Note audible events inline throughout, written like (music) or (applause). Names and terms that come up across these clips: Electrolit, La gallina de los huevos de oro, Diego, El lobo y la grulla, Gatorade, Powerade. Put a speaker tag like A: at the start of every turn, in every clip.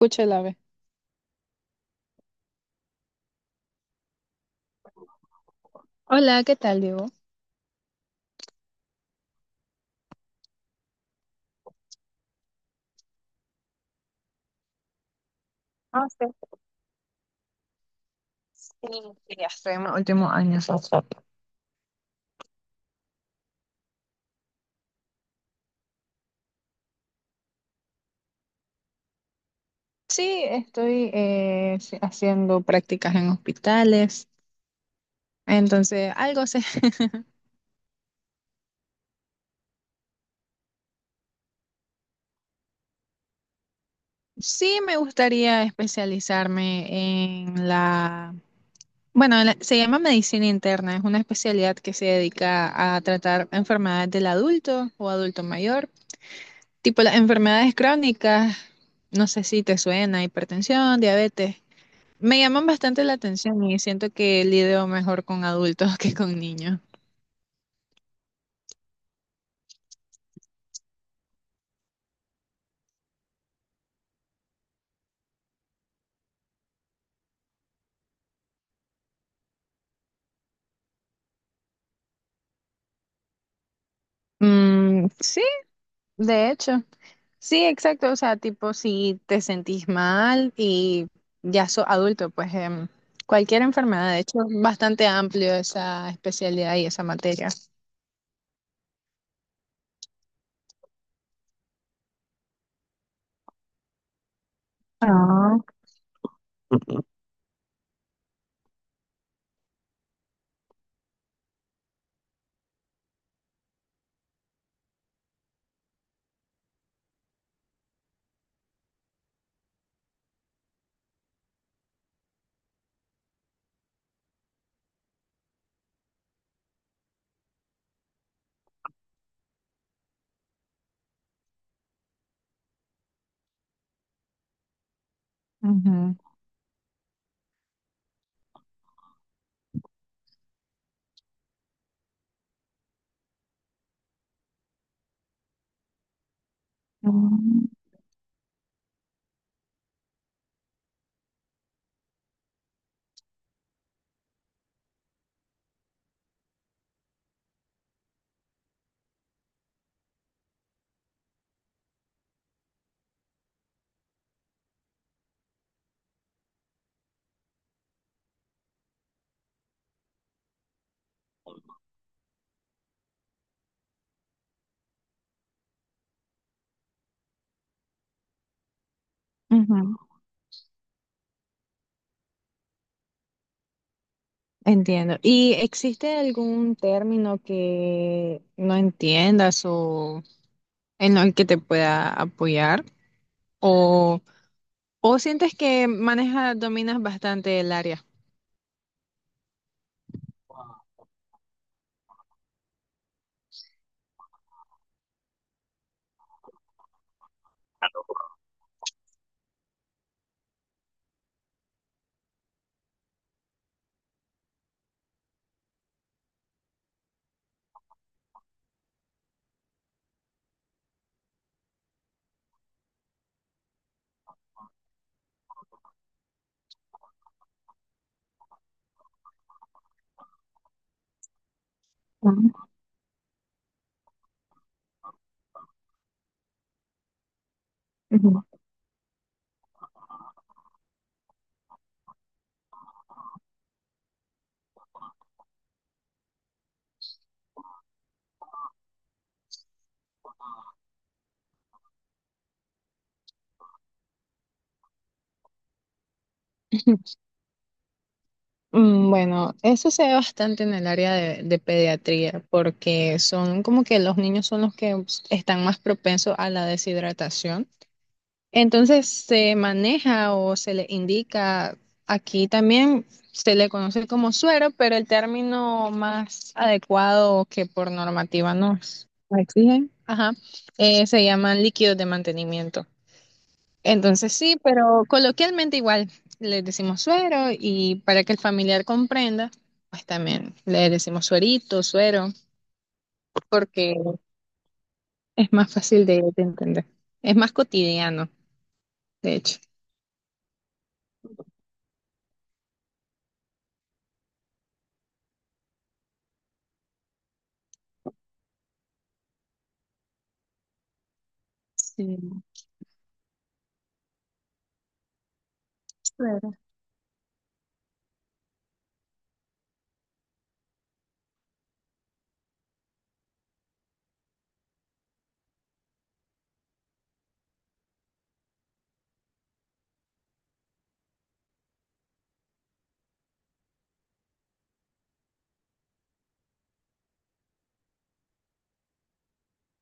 A: Escucha el ave. Hola, ¿qué tal, Diego? Sí, estoy sí, haciendo prácticas en hospitales. Entonces, algo sé. (laughs) Sí, me gustaría especializarme en la, bueno, se llama medicina interna. Es una especialidad que se dedica a tratar enfermedades del adulto o adulto mayor, tipo las enfermedades crónicas. No sé si te suena, hipertensión, diabetes. Me llaman bastante la atención y siento que lidio mejor con adultos (laughs) que con niños. Mm, sí, de hecho. Sí, exacto. O sea, tipo, si te sentís mal y ya sos adulto, pues cualquier enfermedad, de hecho, es bastante amplio esa especialidad y esa materia. Ah, ujú, mm, ujú, entiendo. ¿Y existe algún término que no entiendas o en el que te pueda apoyar? ¿O, o sientes que manejas, dominas bastante el área? Bueno, eso se ve bastante en el área de pediatría, porque son como que los niños son los que están más propensos a la deshidratación. Entonces se maneja o se le indica, aquí también se le conoce como suero, pero el término más adecuado que por normativa nos exigen, ajá, se llaman líquidos de mantenimiento. Entonces sí, pero coloquialmente igual le decimos suero y para que el familiar comprenda, pues también le decimos suerito, suero, porque es más fácil de entender. Es más cotidiano, de hecho. Sí, suero.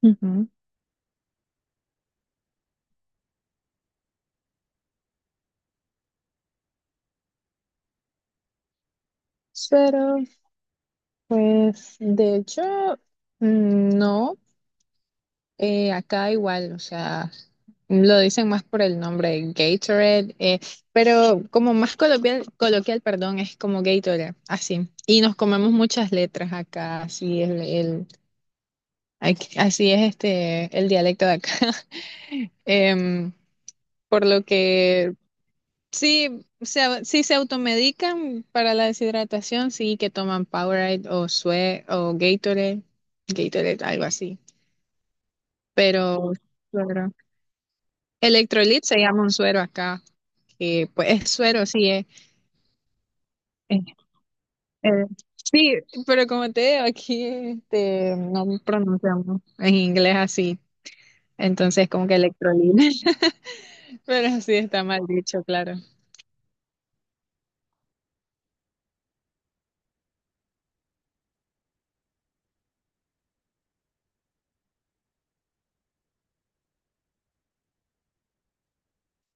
A: Ujú. Suero, pues de hecho, mm, no. Acá igual, o sea, lo dicen más por el nombre Gatorade, pero como más coloquial, coloquial, perdón, es como Gatorade, así. Y nos comemos muchas letras acá, así es el- aquí- así es este el dialecto de acá. (laughs) Em, por lo que sí se, sí se automedican para la deshidratación, sí que toman Powerade o Sue o Gatorade, Gatorade, algo así. Pero claro. Electrolit se llama un suero acá, que pues es suero, sí, es- es- sí, pero como te digo, aquí este, no pronunciamos en inglés así, entonces como que electrolit, (laughs) pero sí está mal dicho, claro.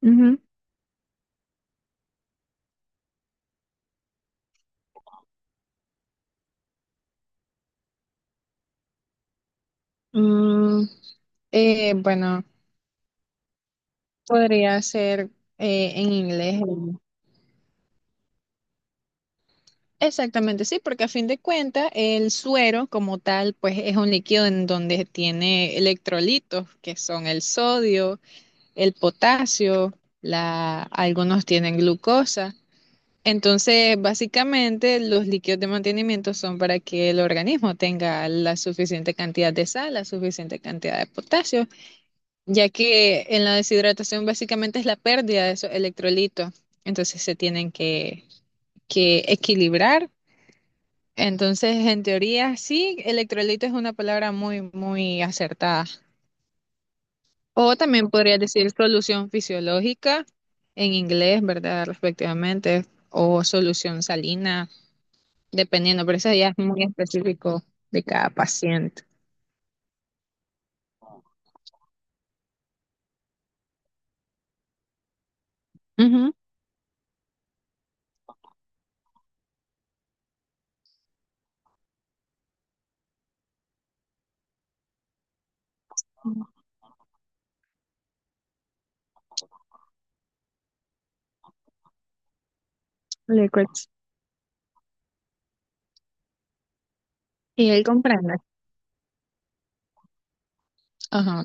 A: Ujú. Mm, bueno, podría ser en inglés. El- Exactamente, sí, porque a fin de cuentas el suero como tal, pues es un líquido en donde tiene electrolitos, que son el sodio el potasio, la, algunos tienen glucosa. Entonces, básicamente, los líquidos de mantenimiento son para que el organismo tenga la suficiente cantidad de sal, la suficiente cantidad de potasio, ya que en la deshidratación básicamente es la pérdida de esos electrolitos. Entonces, que equilibrar. Entonces, en teoría, sí, electrolito es una palabra muy, muy acertada. O también podría decir solución fisiológica en inglés, ¿verdad? Respectivamente, o solución salina, dependiendo, pero eso ya es muy específico de cada paciente. Ujú, liquids. Y él comprende. Ajá.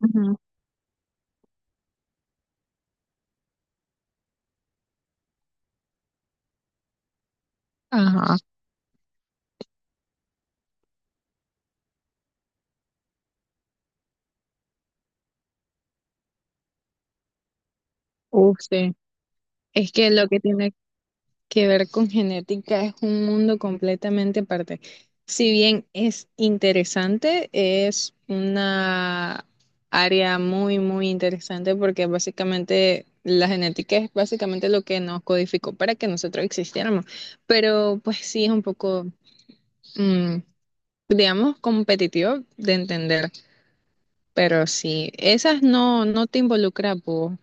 A: Ujú. Ajá. Uf, sí. Es que lo que tiene que ver con genética es un mundo completamente aparte. Si bien es interesante, es una área muy, muy interesante porque básicamente la genética es básicamente lo que nos codificó para que nosotros existiéramos. Pero pues sí es un poco, mm, digamos, competitivo de entender. Pero sí, esas no, no te involucra, pues,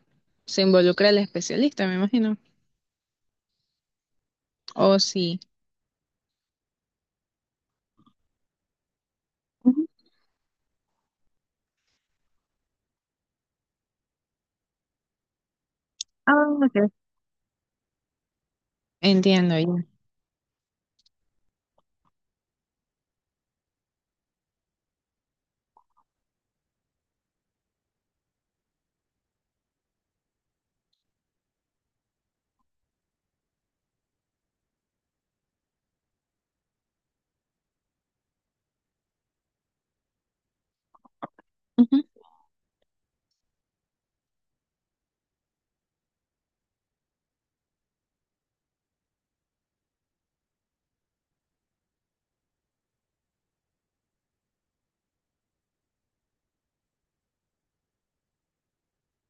A: se involucra el especialista, me imagino. O sí. Ujú. Ah, ok. Entiendo, ya. Ujú.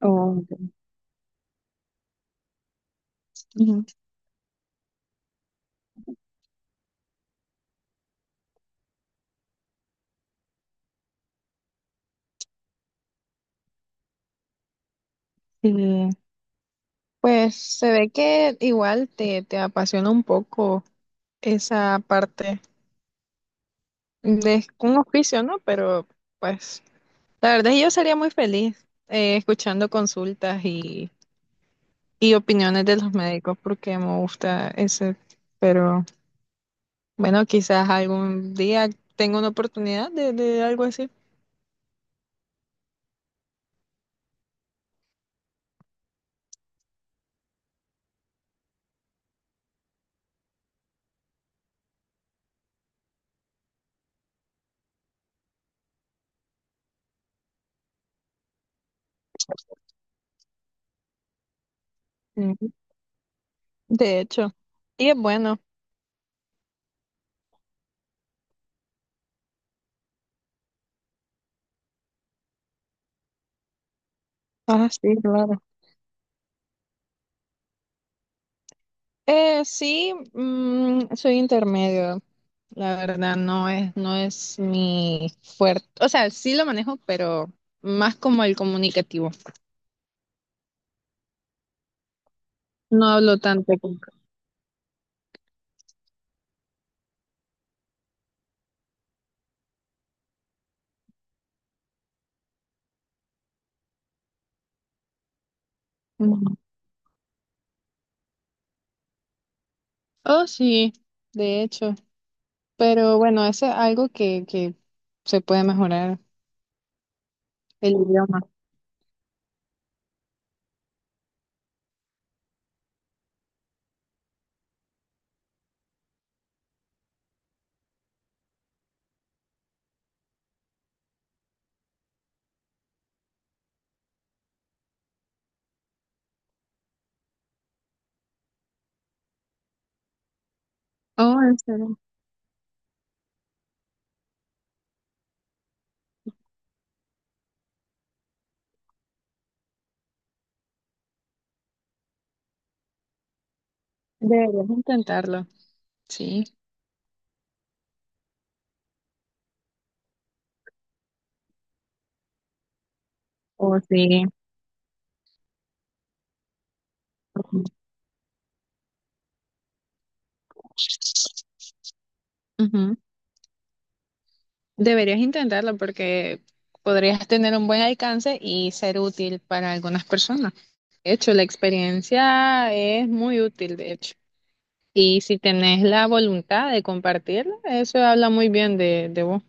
A: Oh, ujú, sí, pues se ve que igual te, te apasiona un poco esa parte de un oficio, ¿no? Pero pues la verdad yo sería muy feliz escuchando consultas y opiniones de los médicos porque me gusta ese, pero bueno, quizás algún día tenga una oportunidad de algo así. Sí, de hecho, y es bueno. Ah, sí, claro. Sí, mm, soy intermedio, la verdad, no es, no es mi fuerte, o sea, sí lo manejo, pero más como el comunicativo, no hablo tanto. Con- Ujú. Oh, sí, de hecho, pero bueno, eso es algo que se puede mejorar, el idioma. Oh, en serio, deberías intentarlo, sí. Oh, sí. Ujú. Deberías intentarlo porque podrías tener un buen alcance y ser útil para algunas personas. De hecho, la experiencia es muy útil, de hecho. Y si tenés la voluntad de compartirla, eso habla muy bien de vos.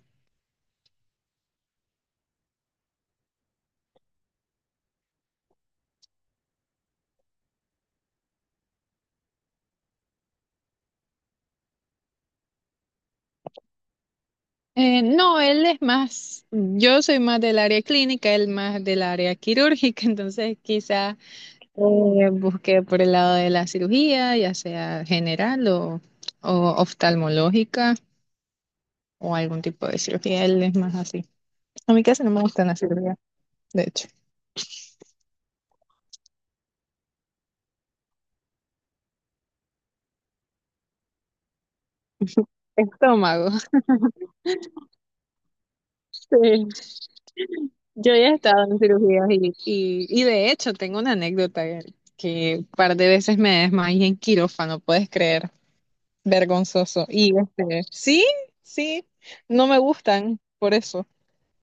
A: No, él es más, yo soy más del área clínica, él más del área quirúrgica, (laughs) entonces quizá busqué por el lado de la cirugía, ya sea general o oftalmológica o algún tipo de cirugía, él es más así. A mí casi no me gustan las cirugías, de hecho. Estómago, (laughs) sí. Yo ya he estado en cirugías y de hecho tengo una anécdota que un par de veces me desmayé en quirófano, puedes creer. Vergonzoso. Y este, sí, sí, no me gustan por eso,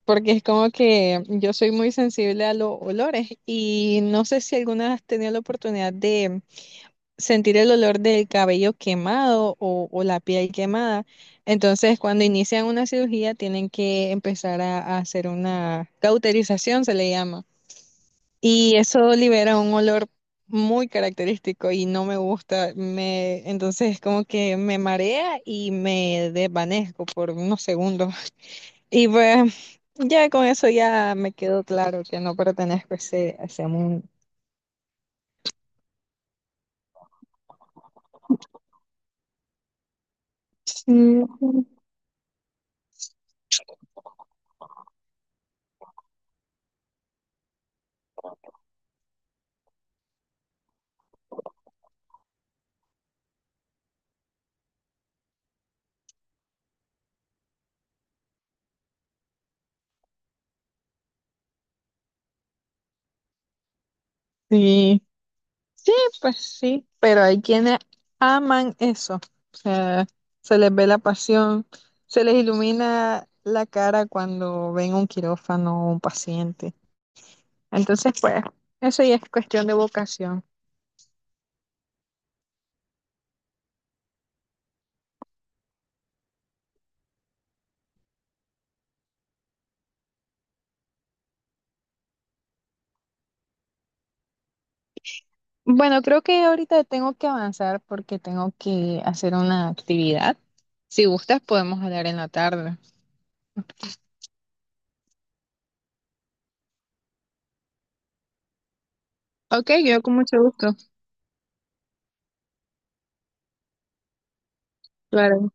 A: porque es como que yo soy muy sensible a los olores y no sé si alguna has tenido la oportunidad sentir el olor del cabello quemado o la piel quemada. Entonces, cuando inician una cirugía, tienen que empezar a hacer una cauterización, se le llama. Y eso libera un olor muy característico y no me gusta. Me, entonces, como que me marea y me desvanezco por unos segundos. (laughs) Y pues, ya con eso ya me quedó claro que no pertenezco a ese mundo. Sí. Sí. Sí, pues sí, pero hay quienes aman eso. O sea, se les ve la pasión, se les ilumina la cara cuando ven un quirófano o un paciente. Entonces, pues, eso ya es cuestión de vocación. Bueno, creo que ahorita tengo que avanzar porque tengo que hacer una actividad. Si gustas, podemos hablar en la tarde. Ok, yo con mucho gusto. Claro.